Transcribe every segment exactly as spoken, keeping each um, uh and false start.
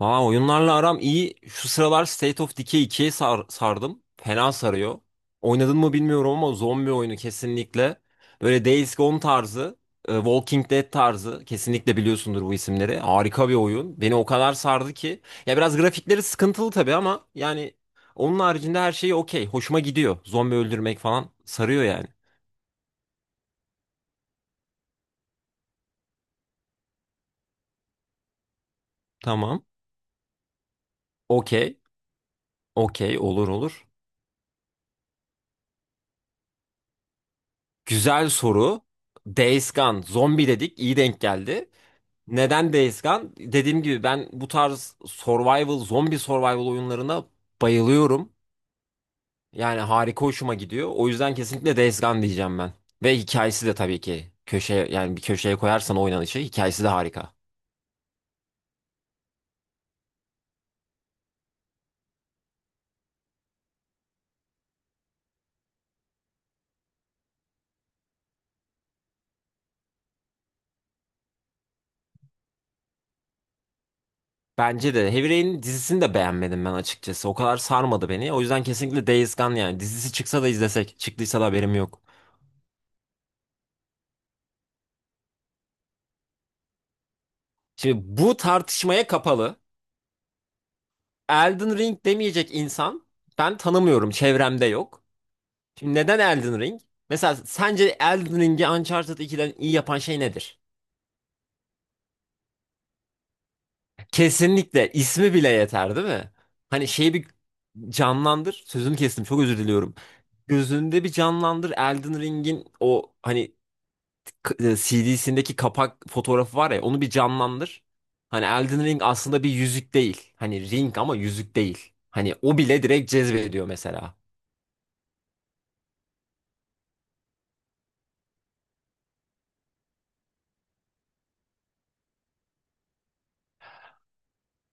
Aa, oyunlarla aram iyi. Şu sıralar State of Decay ikiye sar- sardım. Fena sarıyor. Oynadın mı bilmiyorum ama zombi oyunu kesinlikle. Böyle Days Gone tarzı, e, Walking Dead tarzı. Kesinlikle biliyorsundur bu isimleri. Harika bir oyun. Beni o kadar sardı ki. Ya biraz grafikleri sıkıntılı tabii ama yani onun haricinde her şey okey. Hoşuma gidiyor. Zombi öldürmek falan sarıyor yani. Tamam. Okey. Okey. Olur olur. Güzel soru. Days Gone. Zombi dedik. İyi denk geldi. Neden Days Gone? Dediğim gibi ben bu tarz survival, zombi survival oyunlarına bayılıyorum. Yani harika hoşuma gidiyor. O yüzden kesinlikle Days Gone diyeceğim ben. Ve hikayesi de tabii ki köşeye yani bir köşeye koyarsan oynanışı hikayesi de harika. Bence de Heavy Rain'in dizisini de beğenmedim ben açıkçası. O kadar sarmadı beni. O yüzden kesinlikle Days Gone, yani dizisi çıksa da izlesek, çıktıysa da haberim yok. Şimdi bu tartışmaya kapalı. Elden Ring demeyecek insan ben tanımıyorum. Çevremde yok. Şimdi neden Elden Ring? Mesela sence Elden Ring'i Uncharted ikiden iyi yapan şey nedir? Kesinlikle ismi bile yeter değil mi? Hani şeyi bir canlandır. Sözünü kestim, çok özür diliyorum. Gözünde bir canlandır Elden Ring'in, o hani C D'sindeki kapak fotoğrafı var ya, onu bir canlandır. Hani Elden Ring aslında bir yüzük değil. Hani ring ama yüzük değil. Hani o bile direkt cezbediyor mesela.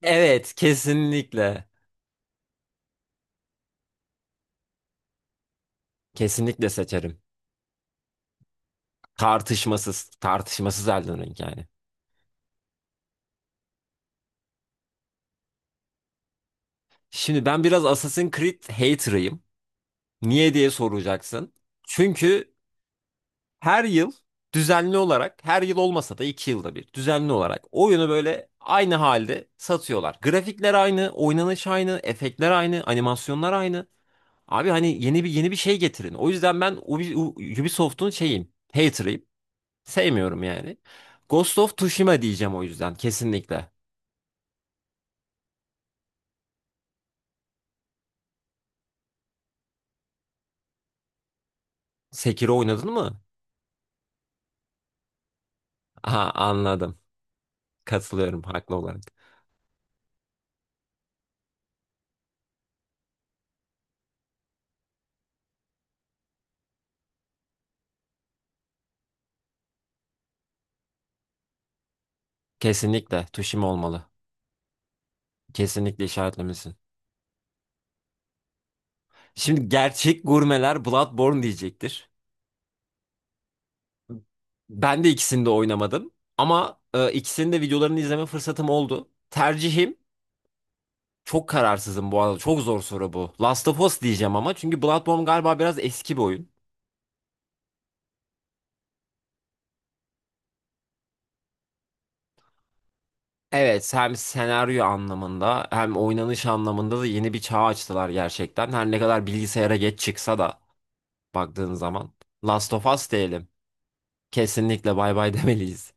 Evet, kesinlikle. Kesinlikle seçerim. Tartışmasız, tartışmasız Elden Ring yani. Şimdi ben biraz Assassin's Creed hater'ıyım. Niye diye soracaksın. Çünkü her yıl düzenli olarak, her yıl olmasa da iki yılda bir düzenli olarak oyunu böyle aynı halde satıyorlar. Grafikler aynı, oynanış aynı, efektler aynı, animasyonlar aynı. Abi hani yeni bir yeni bir şey getirin. O yüzden ben Ubi- U- Ubisoft'un şeyim, hater'ıyım. Sevmiyorum yani. Ghost of Tsushima diyeceğim o yüzden kesinlikle. Sekiro oynadın mı? Aha, anladım. Katılıyorum haklı olarak. Kesinlikle tuşim olmalı. Kesinlikle işaretlemesin. Şimdi gerçek gurmeler Bloodborne diyecektir. Ben de ikisini de oynamadım. Ama e, ikisinin de videolarını izleme fırsatım oldu. Tercihim çok kararsızım bu arada. Çok zor soru bu. Last of Us diyeceğim ama, çünkü Bloodborne galiba biraz eski bir oyun. Evet, hem senaryo anlamında hem oynanış anlamında da yeni bir çağ açtılar gerçekten. Her ne kadar bilgisayara geç çıksa da. Baktığın zaman. Last of Us diyelim. Kesinlikle bay bay demeliyiz.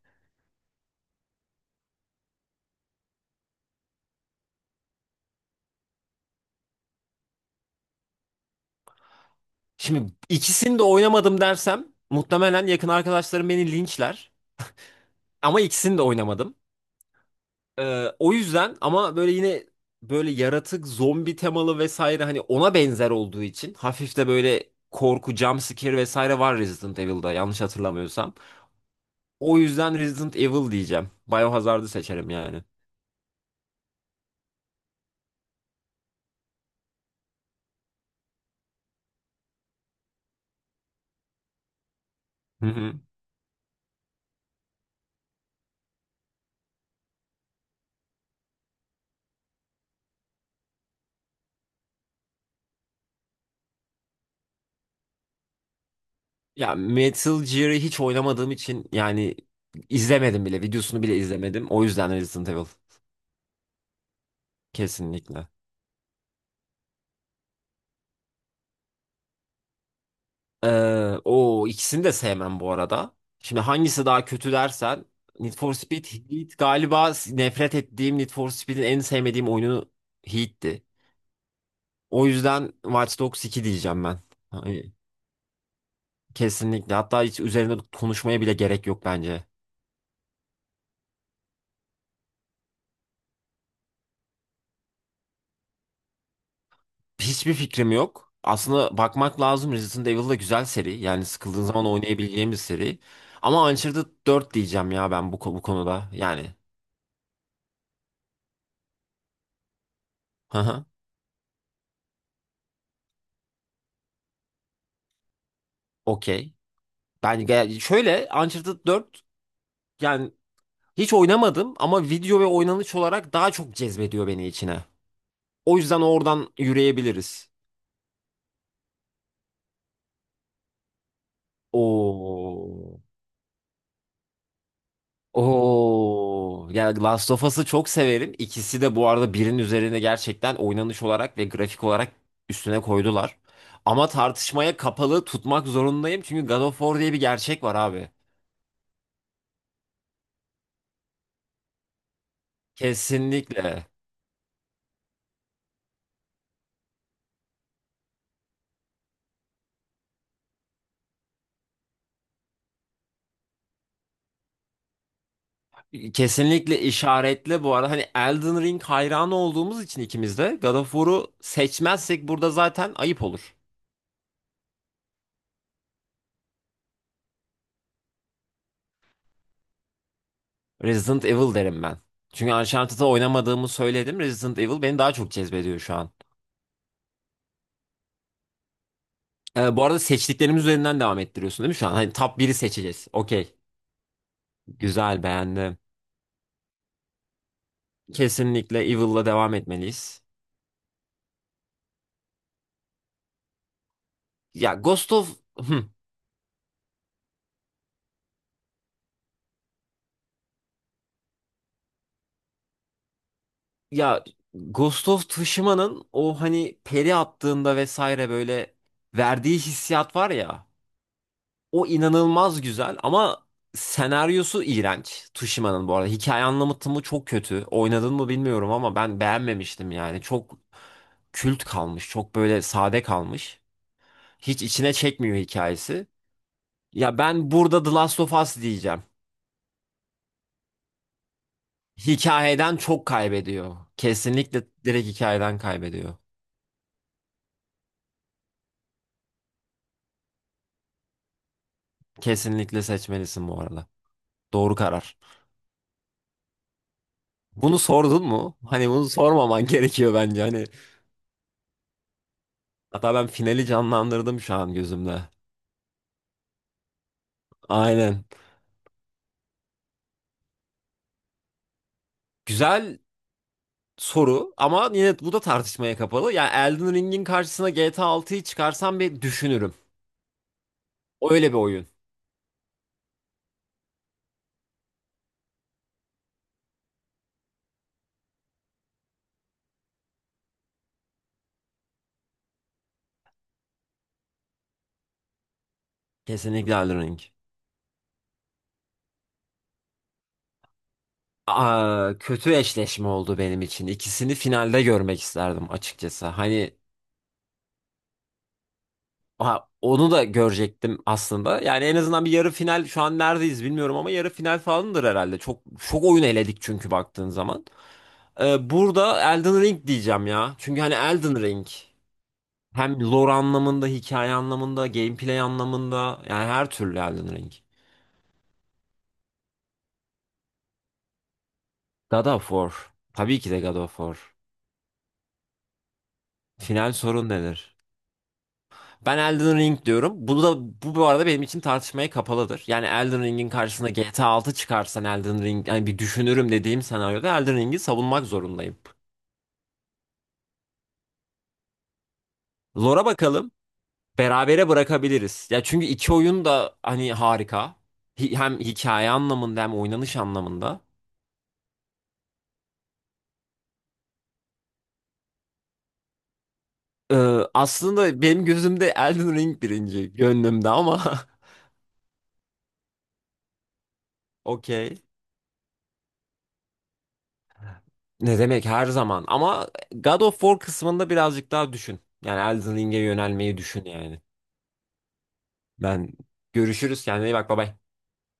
Şimdi ikisini de oynamadım dersem muhtemelen yakın arkadaşlarım beni linçler. Ama ikisini de oynamadım. Ee, o yüzden ama böyle yine böyle yaratık, zombi temalı vesaire, hani ona benzer olduğu için, hafif de böyle korku, jump scare vesaire var Resident Evil'da, yanlış hatırlamıyorsam. O yüzden Resident Evil diyeceğim. Biohazard'ı seçerim yani. Hı hı. Ya Metal Gear'ı hiç oynamadığım için yani izlemedim bile. Videosunu bile izlemedim. O yüzden Resident Evil. Kesinlikle. Ee, o ikisini de sevmem bu arada. Şimdi hangisi daha kötü dersen, Need for Speed Heat galiba, nefret ettiğim Need for Speed'in en sevmediğim oyunu Heat'ti. O yüzden Watch Dogs iki diyeceğim ben. Hani, kesinlikle. Hatta hiç üzerine konuşmaya bile gerek yok bence. Hiçbir fikrim yok. Aslında bakmak lazım. Resident Evil da güzel seri. Yani sıkıldığın zaman oynayabileceğim bir seri. Ama Uncharted dört diyeceğim ya ben bu, ko- bu konuda. Yani. Hı hı. Okey. Ben ge- şöyle Uncharted dört. Yani hiç oynamadım ama video ve oynanış olarak daha çok cezbediyor beni içine. O yüzden oradan yürüyebiliriz. Oo. Oo, yani Last of Us'ı çok severim. İkisi de bu arada birinin üzerine gerçekten oynanış olarak ve grafik olarak üstüne koydular. Ama tartışmaya kapalı tutmak zorundayım, çünkü God of War diye bir gerçek var abi. Kesinlikle. Kesinlikle işaretle bu arada, hani Elden Ring hayranı olduğumuz için ikimiz de God of War'u seçmezsek burada zaten ayıp olur. Resident Evil derim ben. Çünkü Uncharted'ı oynamadığımı söyledim. Resident Evil beni daha çok cezbediyor şu an. Ee, bu arada seçtiklerimiz üzerinden devam ettiriyorsun değil mi şu an? Hani top biri seçeceğiz. Okey. Güzel, beğendim. Kesinlikle Evil'la devam etmeliyiz. Ya Ghost of... Hı. Ya Ghost of Tsushima'nın o hani peri attığında vesaire böyle verdiği hissiyat var ya. O inanılmaz güzel ama senaryosu iğrenç. Tsushima'nın, bu arada. Hikaye anlatımı çok kötü. Oynadın mı bilmiyorum ama ben beğenmemiştim yani. Çok kült kalmış. Çok böyle sade kalmış. Hiç içine çekmiyor hikayesi. Ya ben burada The Last of Us diyeceğim. Hikayeden çok kaybediyor. Kesinlikle direkt hikayeden kaybediyor. Kesinlikle seçmelisin bu arada. Doğru karar. Bunu sordun mu? Hani bunu sormaman gerekiyor bence. Hani, hatta ben finali canlandırdım şu an gözümde. Aynen. Güzel soru ama yine bu da tartışmaya kapalı. Yani Elden Ring'in karşısına G T A altıyı çıkarsam bir düşünürüm. Öyle bir oyun. Kesinlikle Elden Ring. Aa, kötü eşleşme oldu benim için. İkisini finalde görmek isterdim açıkçası. Hani, ha, onu da görecektim aslında. Yani en azından bir yarı final, şu an neredeyiz bilmiyorum ama yarı final falandır herhalde. Çok çok oyun eledik çünkü baktığın zaman. Ee, burada Elden Ring diyeceğim ya. Çünkü hani Elden Ring hem lore anlamında, hikaye anlamında, gameplay anlamında, yani her türlü Elden Ring. God of War. Tabii ki de God of War. Final sorun nedir? Ben Elden Ring diyorum. Bu da bu bu arada benim için tartışmaya kapalıdır. Yani Elden Ring'in karşısına G T A altı çıkarsan, Elden Ring yani bir düşünürüm dediğim senaryoda Elden Ring'i savunmak zorundayım. Lore'a bakalım. Berabere bırakabiliriz. Ya çünkü iki oyun da hani harika. Hi- Hem hikaye anlamında hem oynanış anlamında. Ee, aslında benim gözümde Elden Ring birinci, gönlümde ama okey. Ne demek, her zaman ama God of War kısmında birazcık daha düşün. Yani Elden Ring'e yönelmeyi düşün yani. Ben Görüşürüz. Kendine iyi bak. Bay bay.